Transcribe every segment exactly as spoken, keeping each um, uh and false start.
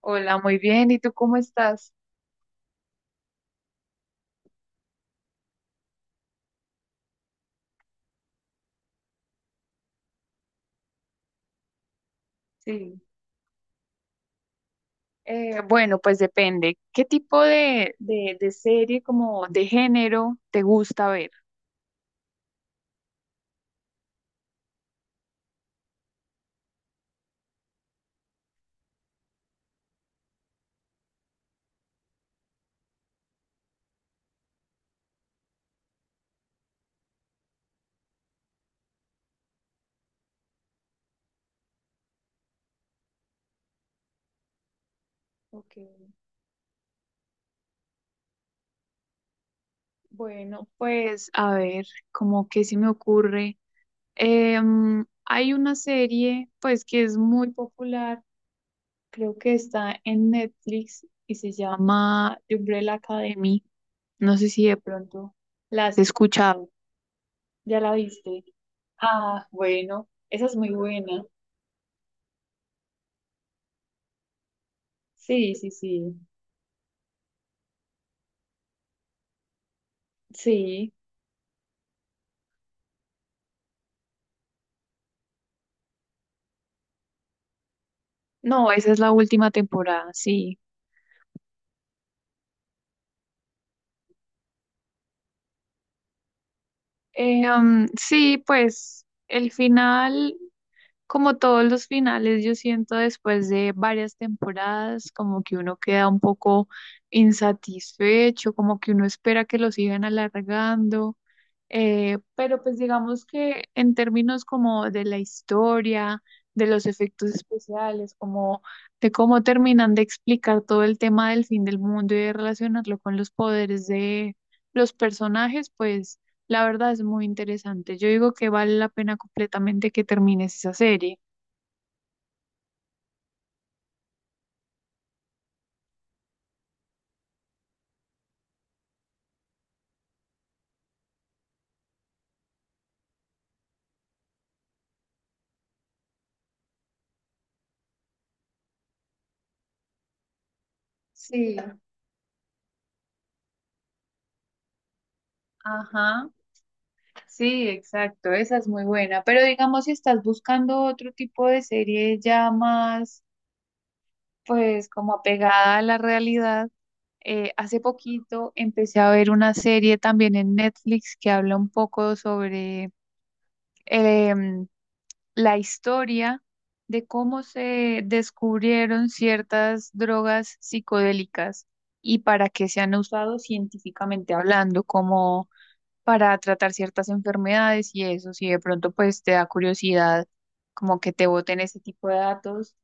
Hola, muy bien. ¿Y tú cómo estás? Sí. Eh, bueno, pues depende. ¿Qué tipo de, de, de serie como de género te gusta ver? Ok. Bueno, pues a ver, como que se me ocurre. Em, hay una serie, pues que es muy popular, creo que está en Netflix y se llama The Umbrella Academy. No sé si de pronto la has escuchado. ¿Ya la viste? Ah, bueno, esa es muy buena. Sí, sí, sí, sí. No, esa es la última temporada, sí. Eh, um, sí, pues el final. Como todos los finales, yo siento después de varias temporadas, como que uno queda un poco insatisfecho, como que uno espera que lo sigan alargando, eh, pero pues digamos que en términos como de la historia, de los efectos especiales, como de cómo terminan de explicar todo el tema del fin del mundo y de relacionarlo con los poderes de los personajes, pues... La verdad es muy interesante. Yo digo que vale la pena completamente que termines esa serie. Sí, ajá, sí, exacto, esa es muy buena. Pero digamos, si estás buscando otro tipo de serie ya más, pues como apegada a la realidad, eh, hace poquito empecé a ver una serie también en Netflix que habla un poco sobre, em, la historia de cómo se descubrieron ciertas drogas psicodélicas y para qué se han usado científicamente hablando, como para tratar ciertas enfermedades y eso, si de pronto pues te da curiosidad, como que te boten ese tipo de datos,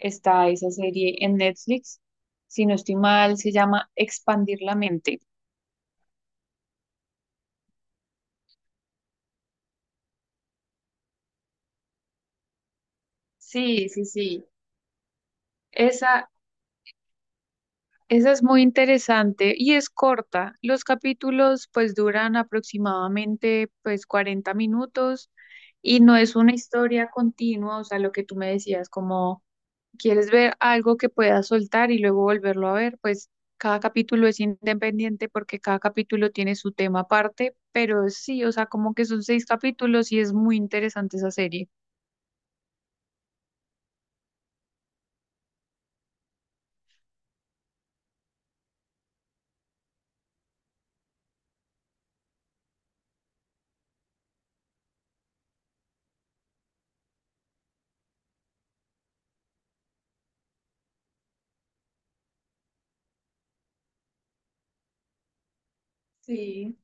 está esa serie en Netflix, si no estoy mal, se llama Expandir la mente. Sí, sí, sí. Esa, Esa es muy interesante y es corta. Los capítulos pues duran aproximadamente pues cuarenta minutos y no es una historia continua, o sea, lo que tú me decías, como quieres ver algo que puedas soltar y luego volverlo a ver, pues cada capítulo es independiente porque cada capítulo tiene su tema aparte, pero sí, o sea, como que son seis capítulos y es muy interesante esa serie. Sí,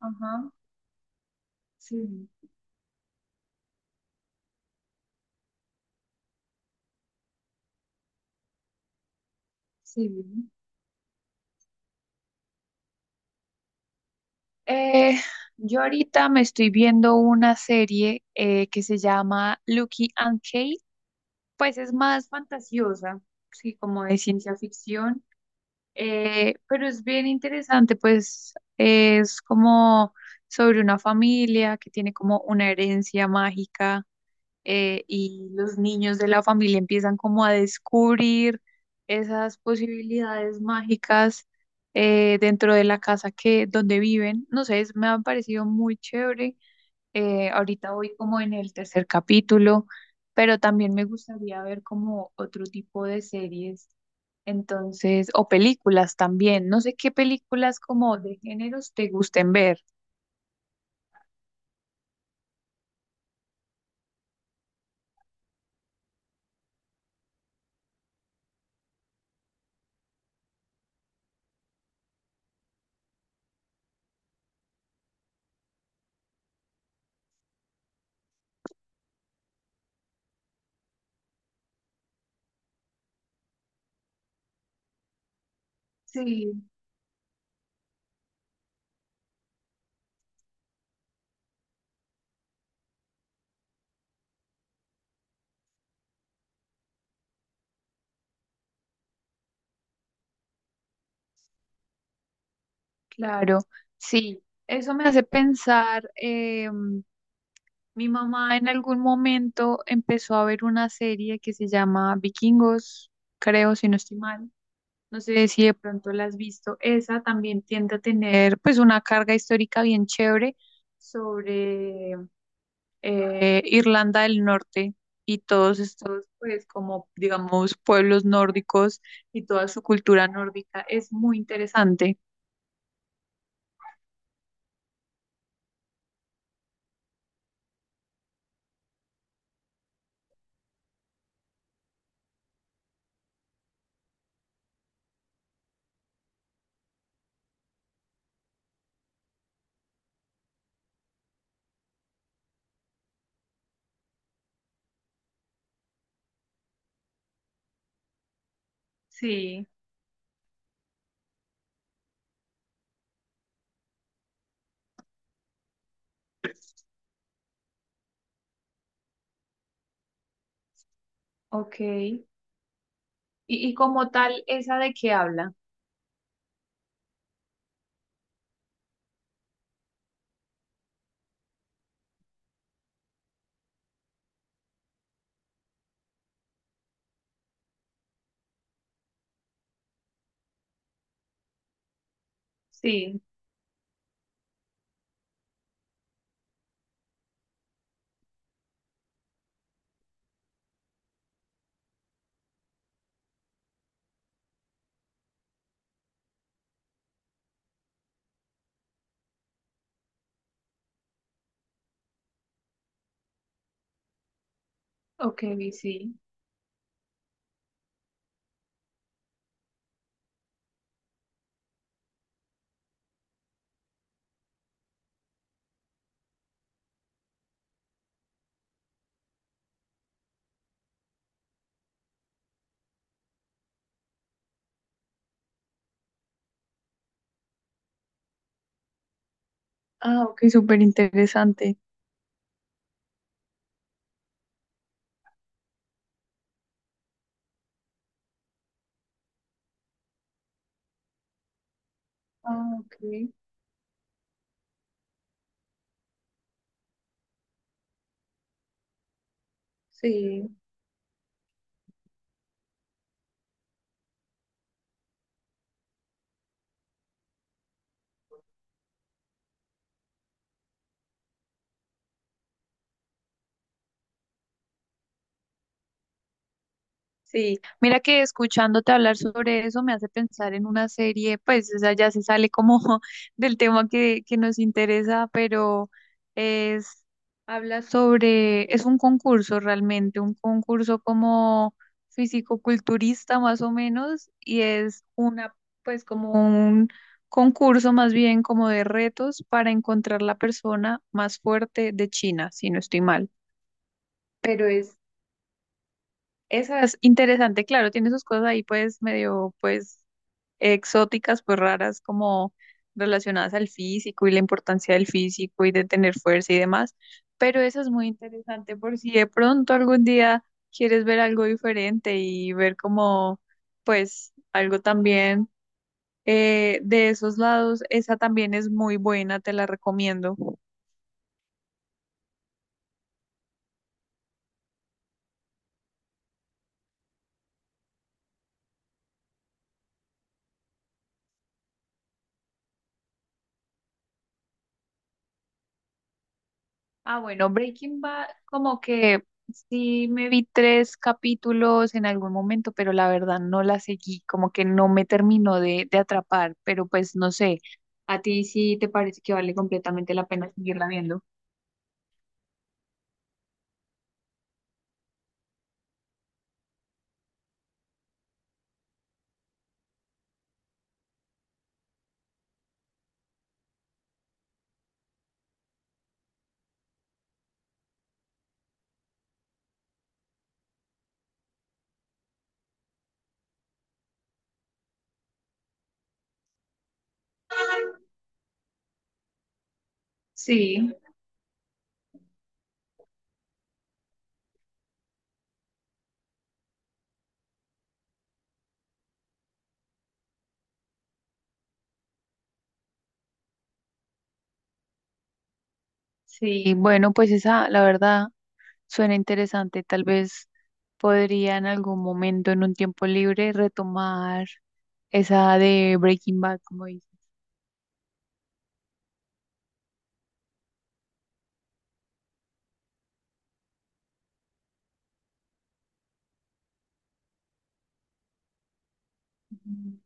ajá, sí, sí. Eh, yo ahorita me estoy viendo una serie eh, que se llama Lucky and Kate, pues es más fantasiosa, sí, como de ciencia ficción, eh, pero es bien interesante, pues es como sobre una familia que tiene como una herencia mágica, eh, y los niños de la familia empiezan como a descubrir esas posibilidades mágicas, eh, dentro de la casa que donde viven. No sé, es- me ha parecido muy chévere. Eh, ahorita voy como en el tercer capítulo, pero también me gustaría ver como otro tipo de series. Entonces, o películas también. No sé qué películas como de géneros te gusten ver. Sí, claro. Sí, eso me hace pensar, em, Mi mamá en algún momento empezó a ver una serie que se llama Vikingos, creo, si no estoy mal. No sé si de pronto la has visto. Esa también tiende a tener pues una carga histórica bien chévere sobre eh, Irlanda del Norte y todos estos pues como digamos pueblos nórdicos y toda su cultura nórdica. Es muy interesante. Sí, ok. Y, y como tal, ¿esa de qué habla? Sí, ok, sí. Ah, ok, súper interesante. Ah, ok. Sí, sí, mira que escuchándote hablar sobre eso me hace pensar en una serie, pues, o sea, ya se sale como del tema que, que nos interesa, pero es, habla sobre, es un concurso realmente, un concurso como físico culturista más o menos, y es una, pues, como un concurso más bien como de retos para encontrar la persona más fuerte de China, si no estoy mal. Pero es esa es interesante, claro, tiene sus cosas ahí pues medio pues exóticas, pues raras como relacionadas al físico y la importancia del físico y de tener fuerza y demás, pero eso es muy interesante por si de pronto algún día quieres ver algo diferente y ver como pues algo también, eh, de esos lados, esa también es muy buena, te la recomiendo. Ah, bueno, Breaking Bad, como que sí me vi tres capítulos en algún momento, pero la verdad no la seguí, como que no me terminó de, de atrapar, pero pues no sé, ¿a ti sí te parece que vale completamente la pena seguirla viendo? Sí, sí, bueno, pues esa, la verdad, suena interesante, tal vez podría en algún momento, en un tiempo libre, retomar esa de Breaking Bad, como dices. Ujú.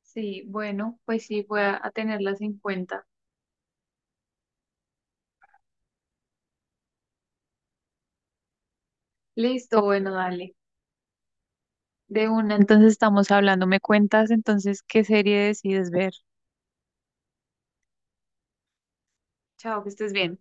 Sí, bueno, pues sí, voy a a tenerlas en cuenta. Listo, bueno, dale. De una, entonces estamos hablando. ¿Me cuentas entonces qué serie decides ver? Chao, que estés bien.